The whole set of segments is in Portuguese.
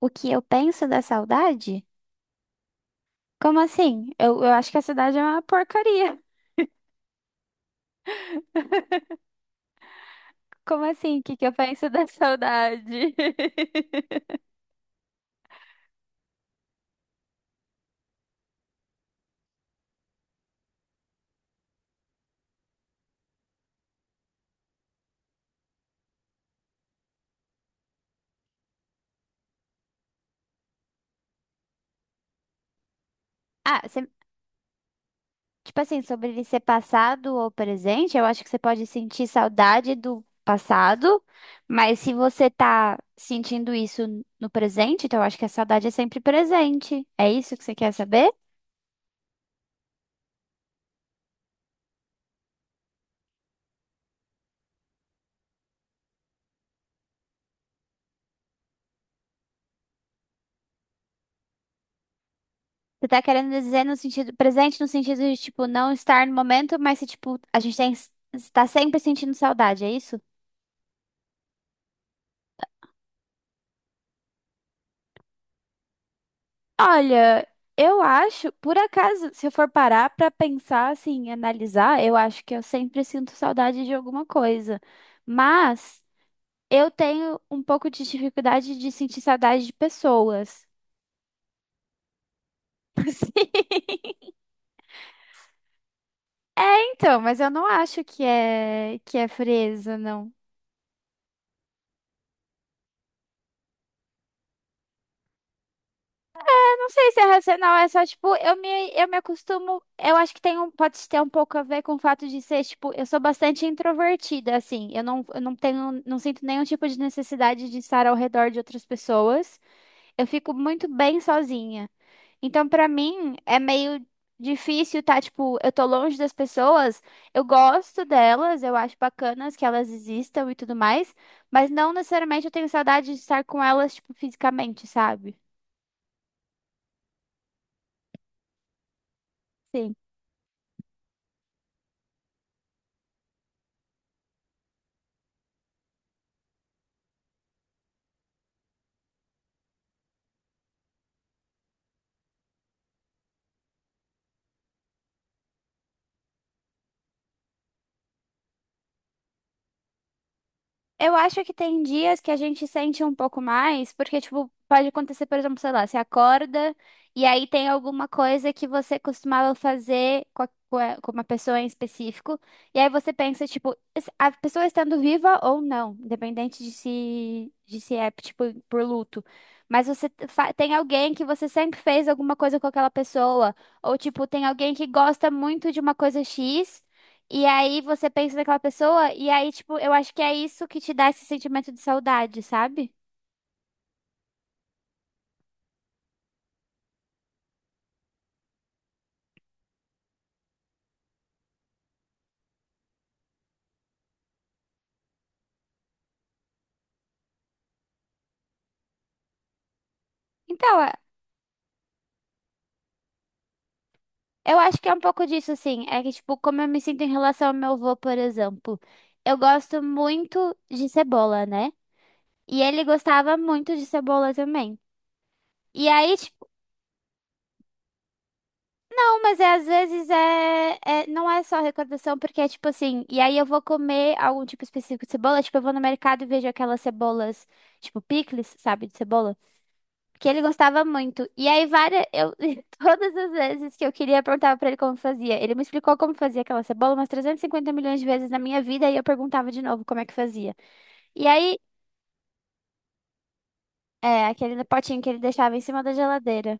O que eu penso da saudade? Como assim? Eu acho que a saudade é uma porcaria. Como assim? O que que eu penso da saudade? Ah, você- tipo assim, sobre ele ser passado ou presente, eu acho que você pode sentir saudade do passado, mas se você tá sentindo isso no presente, então eu acho que a saudade é sempre presente. É isso que você quer saber? Você tá querendo dizer no sentido presente, no sentido de, tipo, não estar no momento, mas se, tipo, a gente tem, está sempre sentindo saudade, é isso? Olha, eu acho, por acaso, se eu for parar pra pensar assim, analisar, eu acho que eu sempre sinto saudade de alguma coisa. Mas eu tenho um pouco de dificuldade de sentir saudade de pessoas. Sim. É, então, mas eu não acho que é frieza, não. Não sei se é racional, é só, tipo, eu me acostumo. Eu acho que tem um, pode ter um pouco a ver com o fato de ser, tipo, eu sou bastante introvertida, assim. Eu não tenho, não sinto nenhum tipo de necessidade de estar ao redor de outras pessoas. Eu fico muito bem sozinha. Então, pra mim, é meio difícil, tá? Tipo, eu tô longe das pessoas, eu gosto delas, eu acho bacanas que elas existam e tudo mais, mas não necessariamente eu tenho saudade de estar com elas, tipo, fisicamente, sabe? Sim. Eu acho que tem dias que a gente sente um pouco mais, porque, tipo, pode acontecer, por exemplo, sei lá, você acorda e aí tem alguma coisa que você costumava fazer com, com uma pessoa em específico, e aí você pensa, tipo, a pessoa estando viva ou não, independente de se é, tipo, por luto. Mas você tem alguém que você sempre fez alguma coisa com aquela pessoa, ou, tipo, tem alguém que gosta muito de uma coisa X. E aí você pensa naquela pessoa, e aí, tipo, eu acho que é isso que te dá esse sentimento de saudade, sabe? Então, é- eu acho que é um pouco disso, assim. É que, tipo, como eu me sinto em relação ao meu avô, por exemplo. Eu gosto muito de cebola, né? E ele gostava muito de cebola também. E aí, tipo, não, mas é, às vezes não é só recordação, porque é tipo assim, e aí eu vou comer algum tipo específico de cebola, tipo, eu vou no mercado e vejo aquelas cebolas, tipo, picles, sabe, de cebola. Que ele gostava muito. E aí, várias, eu, todas as vezes que eu queria, eu perguntava pra ele como fazia. Ele me explicou como fazia aquela cebola umas 350 milhões de vezes na minha vida e eu perguntava de novo como é que fazia. E aí, é, aquele potinho que ele deixava em cima da geladeira.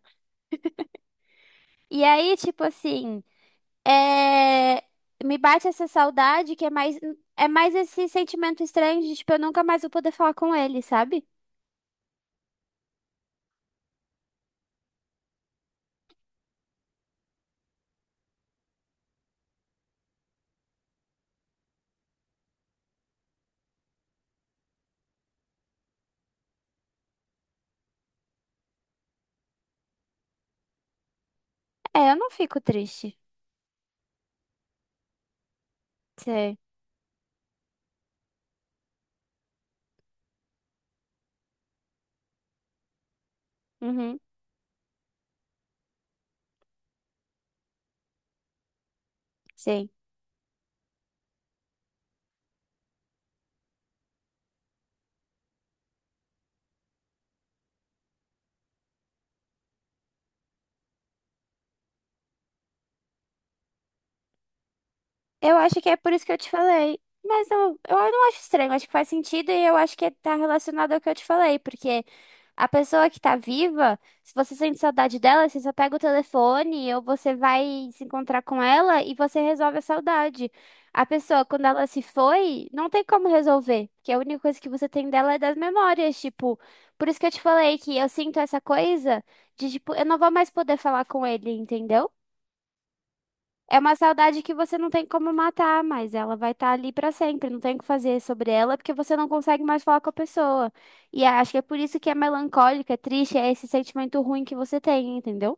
E aí, tipo assim, é, me bate essa saudade que é mais esse sentimento estranho de, tipo, eu nunca mais vou poder falar com ele, sabe? É, eu não fico triste. Sei. Uhum. Sim. Eu acho que é por isso que eu te falei. Mas eu não acho estranho, acho que faz sentido e eu acho que tá relacionado ao que eu te falei, porque a pessoa que tá viva, se você sente saudade dela, você só pega o telefone ou você vai se encontrar com ela e você resolve a saudade. A pessoa, quando ela se foi, não tem como resolver, porque a única coisa que você tem dela é das memórias, tipo, por isso que eu te falei que eu sinto essa coisa de, tipo, eu não vou mais poder falar com ele, entendeu? É uma saudade que você não tem como matar, mas ela vai estar ali pra sempre. Não tem o que fazer sobre ela, porque você não consegue mais falar com a pessoa. E acho que é por isso que é melancólica, é triste, é esse sentimento ruim que você tem, entendeu?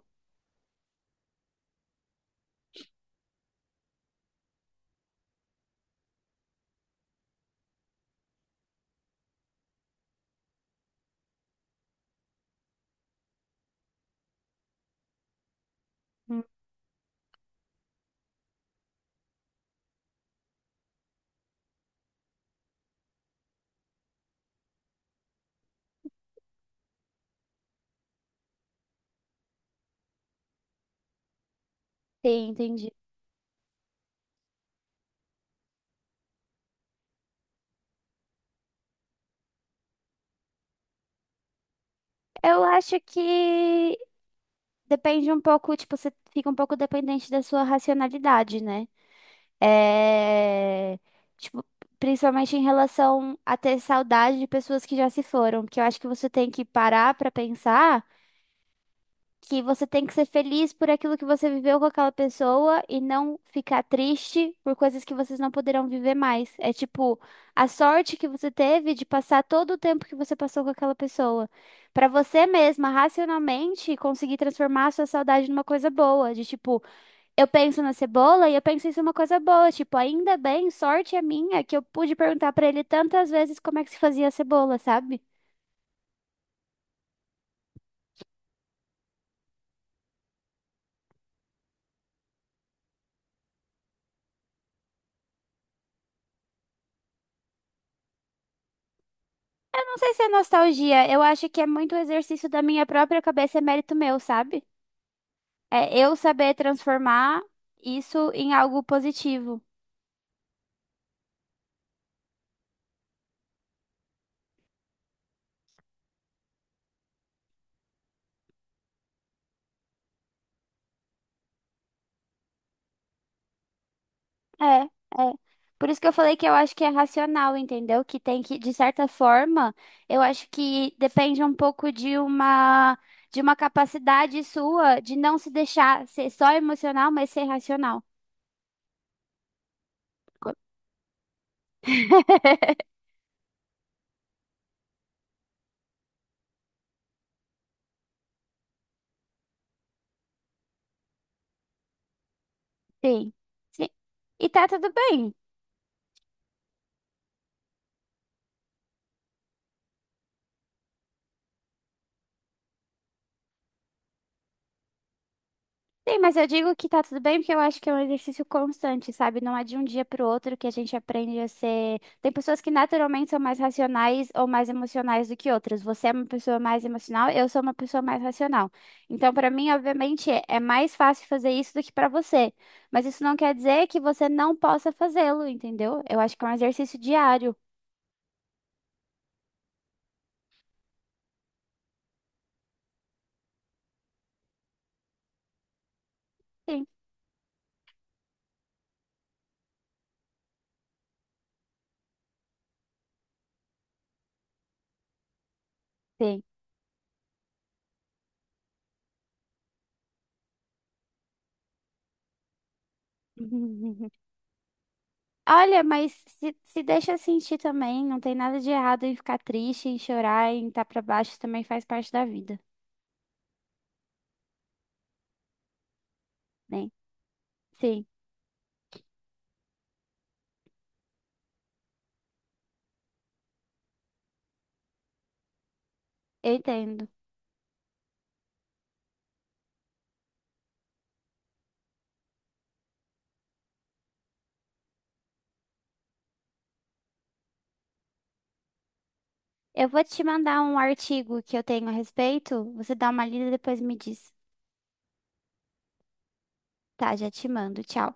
Hum, Sim, entendi. Eu acho que depende um pouco, tipo, você fica um pouco dependente da sua racionalidade, né? É... Tipo, principalmente em relação a ter saudade de pessoas que já se foram, porque eu acho que você tem que parar pra pensar. Que você tem que ser feliz por aquilo que você viveu com aquela pessoa e não ficar triste por coisas que vocês não poderão viver mais. É tipo a sorte que você teve de passar todo o tempo que você passou com aquela pessoa. Pra você mesma, racionalmente, conseguir transformar a sua saudade numa coisa boa. De tipo, eu penso na cebola e eu penso isso é uma coisa boa. Tipo, ainda bem, sorte é minha que eu pude perguntar pra ele tantas vezes como é que se fazia a cebola, sabe? Eu não sei se é nostalgia, eu acho que é muito exercício da minha própria cabeça, é mérito meu, sabe? É eu saber transformar isso em algo positivo. É, é. Por isso que eu falei que eu acho que é racional, entendeu? Que tem que, de certa forma, eu acho que depende um pouco de uma capacidade sua de não se deixar ser só emocional, mas ser racional. Sim. Sim. E tá tudo bem. Sim, mas eu digo que tá tudo bem porque eu acho que é um exercício constante, sabe? Não é de um dia pro outro que a gente aprende a ser. Tem pessoas que naturalmente são mais racionais ou mais emocionais do que outras. Você é uma pessoa mais emocional, eu sou uma pessoa mais racional. Então, pra mim, obviamente, é mais fácil fazer isso do que pra você. Mas isso não quer dizer que você não possa fazê-lo, entendeu? Eu acho que é um exercício diário. Sim, sim. Olha, mas se deixa sentir também, não tem nada de errado em ficar triste, em chorar, em estar pra baixo, também faz parte da vida, né? Sim, eu entendo. Eu vou te mandar um artigo que eu tenho a respeito, você dá uma lida e depois me diz. Tá, já te mando. Tchau.